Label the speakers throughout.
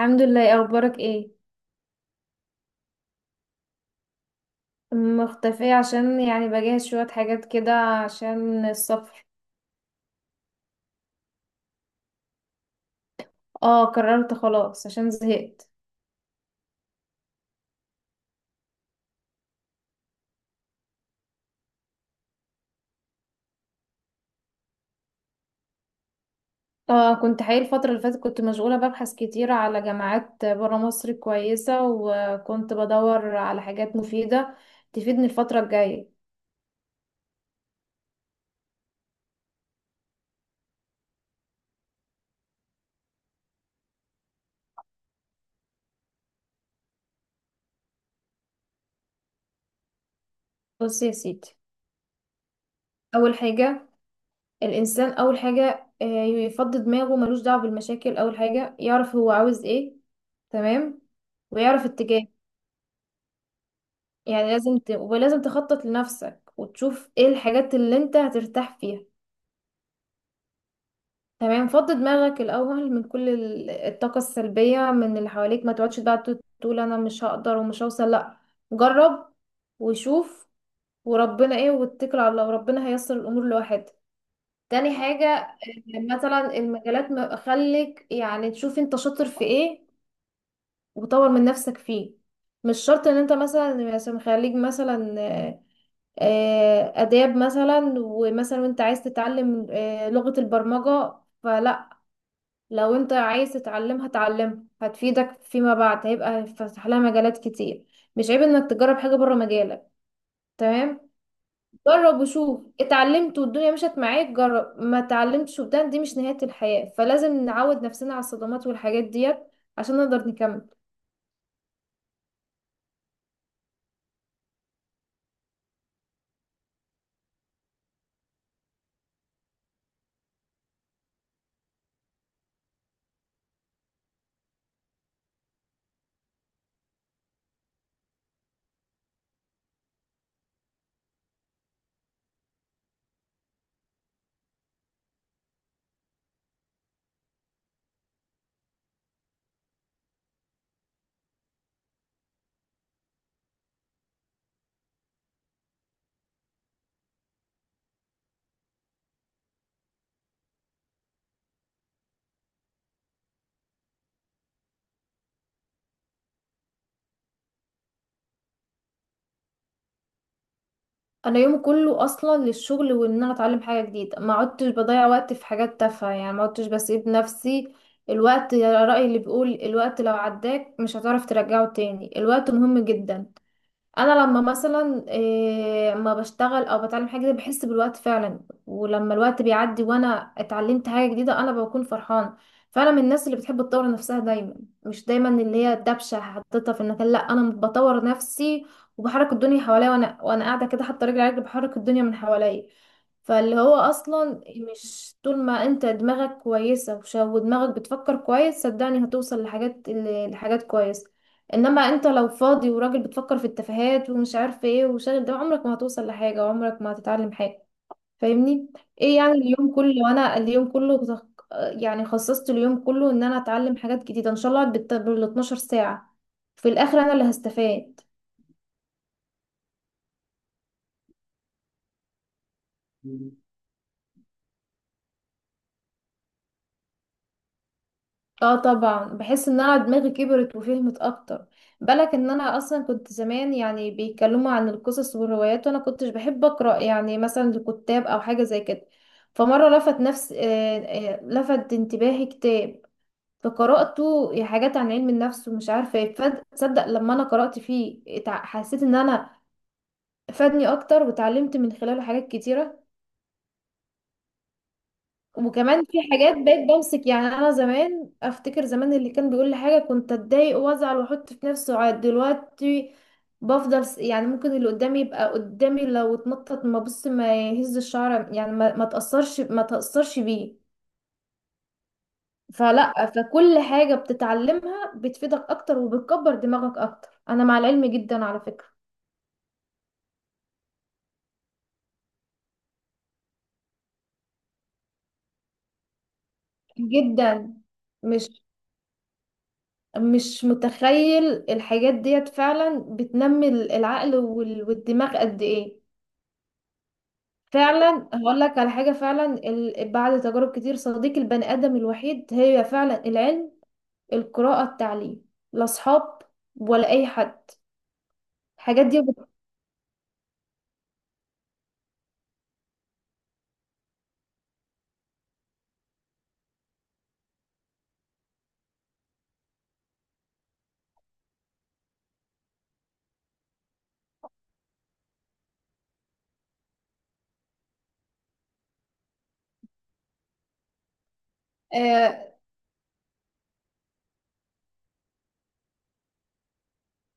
Speaker 1: الحمد لله، إيه اخبارك؟ ايه، مختفية عشان يعني بجهز شوية حاجات كده عشان السفر. اه قررت خلاص عشان زهقت. اه كنت حقيقي الفترة اللي فاتت كنت مشغولة ببحث كتير على جامعات برا مصر كويسة، وكنت بدور على حاجات مفيدة تفيدني الفترة الجاية. بص يا سيدي، أول حاجة، الإنسان أول حاجة يفضي دماغه ملوش دعوة بالمشاكل. أول حاجة يعرف هو عاوز ايه. تمام، ويعرف اتجاهه. يعني لازم ولازم تخطط لنفسك وتشوف ايه الحاجات اللي انت هترتاح فيها. تمام. فضي دماغك الاول من كل الطاقة السلبية من اللي حواليك، ما تقعدش بقى تقول انا مش هقدر ومش هوصل، لا. جرب وشوف، وربنا ايه واتكل على الله، وربنا هيسر الامور لوحدها. تاني حاجة مثلا المجالات خليك يعني تشوف انت شاطر في ايه وطور من نفسك فيه. مش شرط ان انت مثلا خليك مثلا آداب، مثلا وانت عايز تتعلم لغة البرمجة. فلا، لو انت عايز تتعلمها تعلمها، هتفيدك فيما بعد، هيبقى هيتفتح لها مجالات كتير. مش عيب انك تجرب حاجة بره مجالك. تمام. جرب وشوف، اتعلمت والدنيا مشت معاك، جرب ما اتعلمتش وبدان دي مش نهاية الحياة، فلازم نعود نفسنا على الصدمات والحاجات ديت عشان نقدر نكمل. انا يومي كله اصلا للشغل، وان انا اتعلم حاجه جديده ما عدتش بضيع وقت في حاجات تافهه، يعني ما عدتش بسيب نفسي. الوقت يا رأي اللي بيقول، الوقت لو عداك مش هتعرف ترجعه تاني، الوقت مهم جدا. انا لما مثلا اما بشتغل او بتعلم حاجه جديده بحس بالوقت فعلا. ولما الوقت بيعدي وانا اتعلمت حاجه جديده انا بكون فرحان. فانا من الناس اللي بتحب تطور نفسها دايما، مش دايما اللي هي الدبشه حطيتها في المكان، لا، انا بطور نفسي وبحرك الدنيا حواليا، وانا قاعده كده حاطه رجلي على رجلي بحرك الدنيا من حواليا. فاللي هو اصلا مش، طول ما انت دماغك كويسه ودماغك بتفكر كويس صدقني هتوصل لحاجات لحاجات كويسه. انما انت لو فاضي وراجل بتفكر في التفاهات ومش عارف ايه وشاغل ده، عمرك ما هتوصل لحاجة وعمرك ما هتتعلم حاجة. فاهمني؟ ايه يعني اليوم كله، وانا اليوم كله يعني خصصت اليوم كله ان انا اتعلم حاجات جديدة ان شاء الله بال 12 ساعة، في الاخر انا اللي هستفاد. اه طبعا بحس ان انا دماغي كبرت وفهمت اكتر. بالك ان انا اصلا كنت زمان يعني بيتكلموا عن القصص والروايات وانا كنتش بحب اقرا يعني مثلا لكتاب او حاجه زي كده. فمره لفت نفس لفت انتباهي كتاب فقراته، حاجات عن علم النفس ومش عارفه ايه، تصدق لما انا قرات فيه حسيت ان انا فادني اكتر، وتعلمت من خلاله حاجات كتيره. وكمان في حاجات بقيت بمسك، يعني انا زمان افتكر زمان اللي كان بيقول لي حاجه كنت اتضايق وازعل واحط في نفسي، وعاد دلوقتي بفضل يعني ممكن اللي قدامي يبقى قدامي لو اتنطط، ما بص ما يهز الشعر، يعني ما تاثرش، ما تاثرش بيه. فلا، فكل حاجه بتتعلمها بتفيدك اكتر وبتكبر دماغك اكتر، انا مع العلم جدا على فكره. جدا، مش مش متخيل الحاجات ديت فعلا بتنمي العقل والدماغ قد ايه. فعلا هقول لك على حاجة، فعلا بعد تجارب كتير صديق البني آدم الوحيد هي فعلا العلم، القراءة، التعليم، لا أصحاب ولا أي حد. الحاجات دي آه.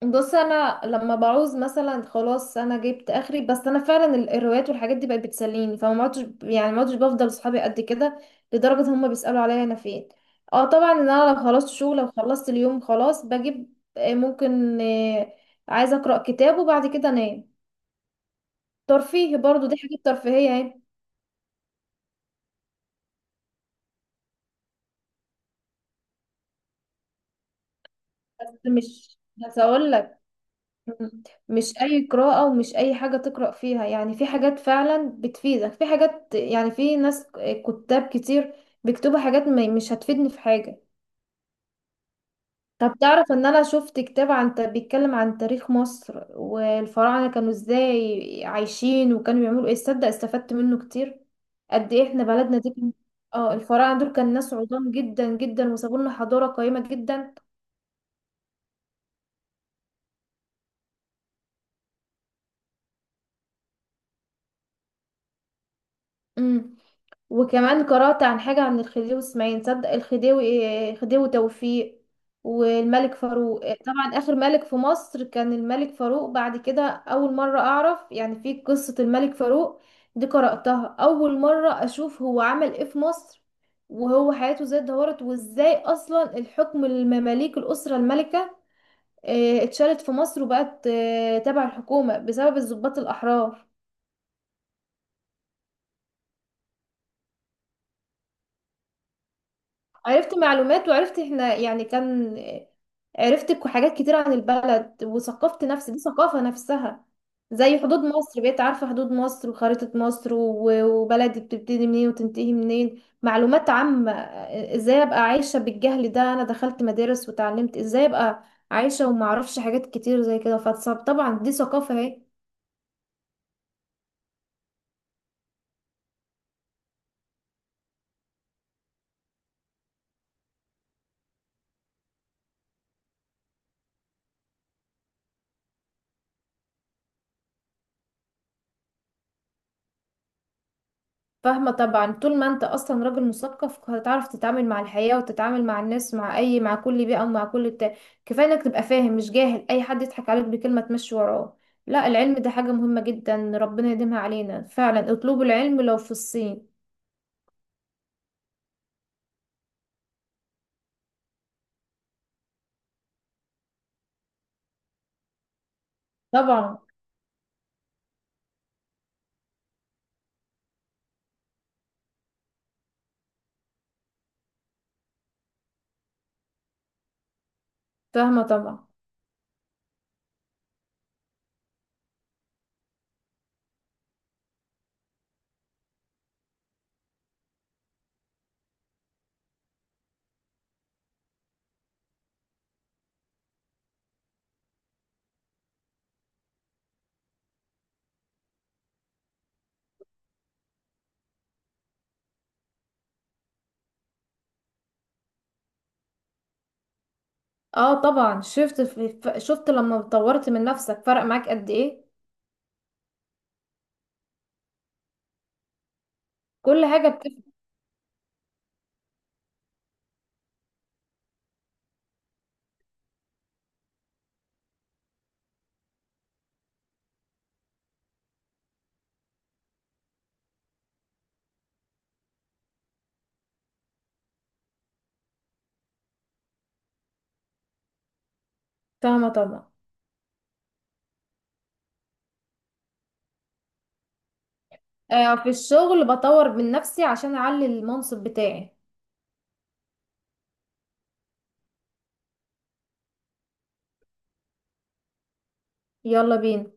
Speaker 1: بص، أنا لما بعوز مثلا خلاص أنا جبت آخري، بس أنا فعلا الروايات والحاجات دي بقت بتسليني، فما ما عدتش، يعني ما عدتش بفضل صحابي قد كده، لدرجة هما بيسألوا عليا أنا فين. اه طبعا إن أنا لو خلصت شغل، لو خلصت اليوم خلاص بجيب ممكن عايزة أقرأ كتاب وبعد كده أنام. ترفيه برضو، دي حاجة ترفيهية اهي. بس، مش بس اقول لك، مش اي قراءة ومش اي حاجة تقرأ فيها، يعني في حاجات فعلا بتفيدك، في حاجات يعني، في ناس، كتاب كتير بيكتبوا حاجات مش هتفيدني في حاجة. طب تعرف ان انا شفت كتاب عن بيتكلم عن تاريخ مصر والفراعنة كانوا ازاي عايشين وكانوا بيعملوا ايه؟ تصدق استفدت منه كتير، قد ايه احنا بلدنا دي اه الفراعنة دول كان ناس عظام جدا جدا، وسابوا لنا حضارة قيمة جدا. امم وكمان قرأت عن حاجة عن الخديوي اسماعيل، تصدق الخديوي خديوي توفيق والملك فاروق. طبعا آخر ملك في مصر كان الملك فاروق، بعد كده أول مرة أعرف يعني في قصة الملك فاروق، دي قرأتها أول مرة أشوف هو عمل إيه في مصر، وهو حياته ازاي اتدهورت، وازاي أصلا الحكم المماليك، الأسرة الملكة اتشالت في مصر وبقت تبع الحكومة بسبب الضباط الأحرار. عرفت معلومات، وعرفت احنا يعني كان، عرفت حاجات كتير عن البلد، وثقفت نفسي، دي ثقافة نفسها. زي حدود مصر، بقيت عارفة حدود مصر وخريطة مصر وبلدي بتبتدي منين وتنتهي منين، معلومات عامة. ازاي ابقى عايشة بالجهل ده، انا دخلت مدارس وتعلمت، ازاي ابقى عايشة ومعرفش حاجات كتير زي كده، فطبعا دي ثقافة اهي. فاهمة طبعا، طول ما انت اصلا راجل مثقف هتعرف تتعامل مع الحياة وتتعامل مع الناس، مع اي، مع كل بيئة ومع كل بتاع. كفاية انك تبقى فاهم مش جاهل، اي حد يضحك عليك بكلمة تمشي وراه، لا، العلم ده حاجة مهمة جدا ربنا يديمها علينا، فعلا اطلبوا العلم لو في الصين. طبعا. فاهمة طبعا. اه طبعا، شفت لما طورت من نفسك فرق معاك قد ايه؟ كل حاجة بتفرق. فاهمة طبعا. آه، في الشغل بطور من نفسي عشان اعلي المنصب بتاعي. يلا بينا.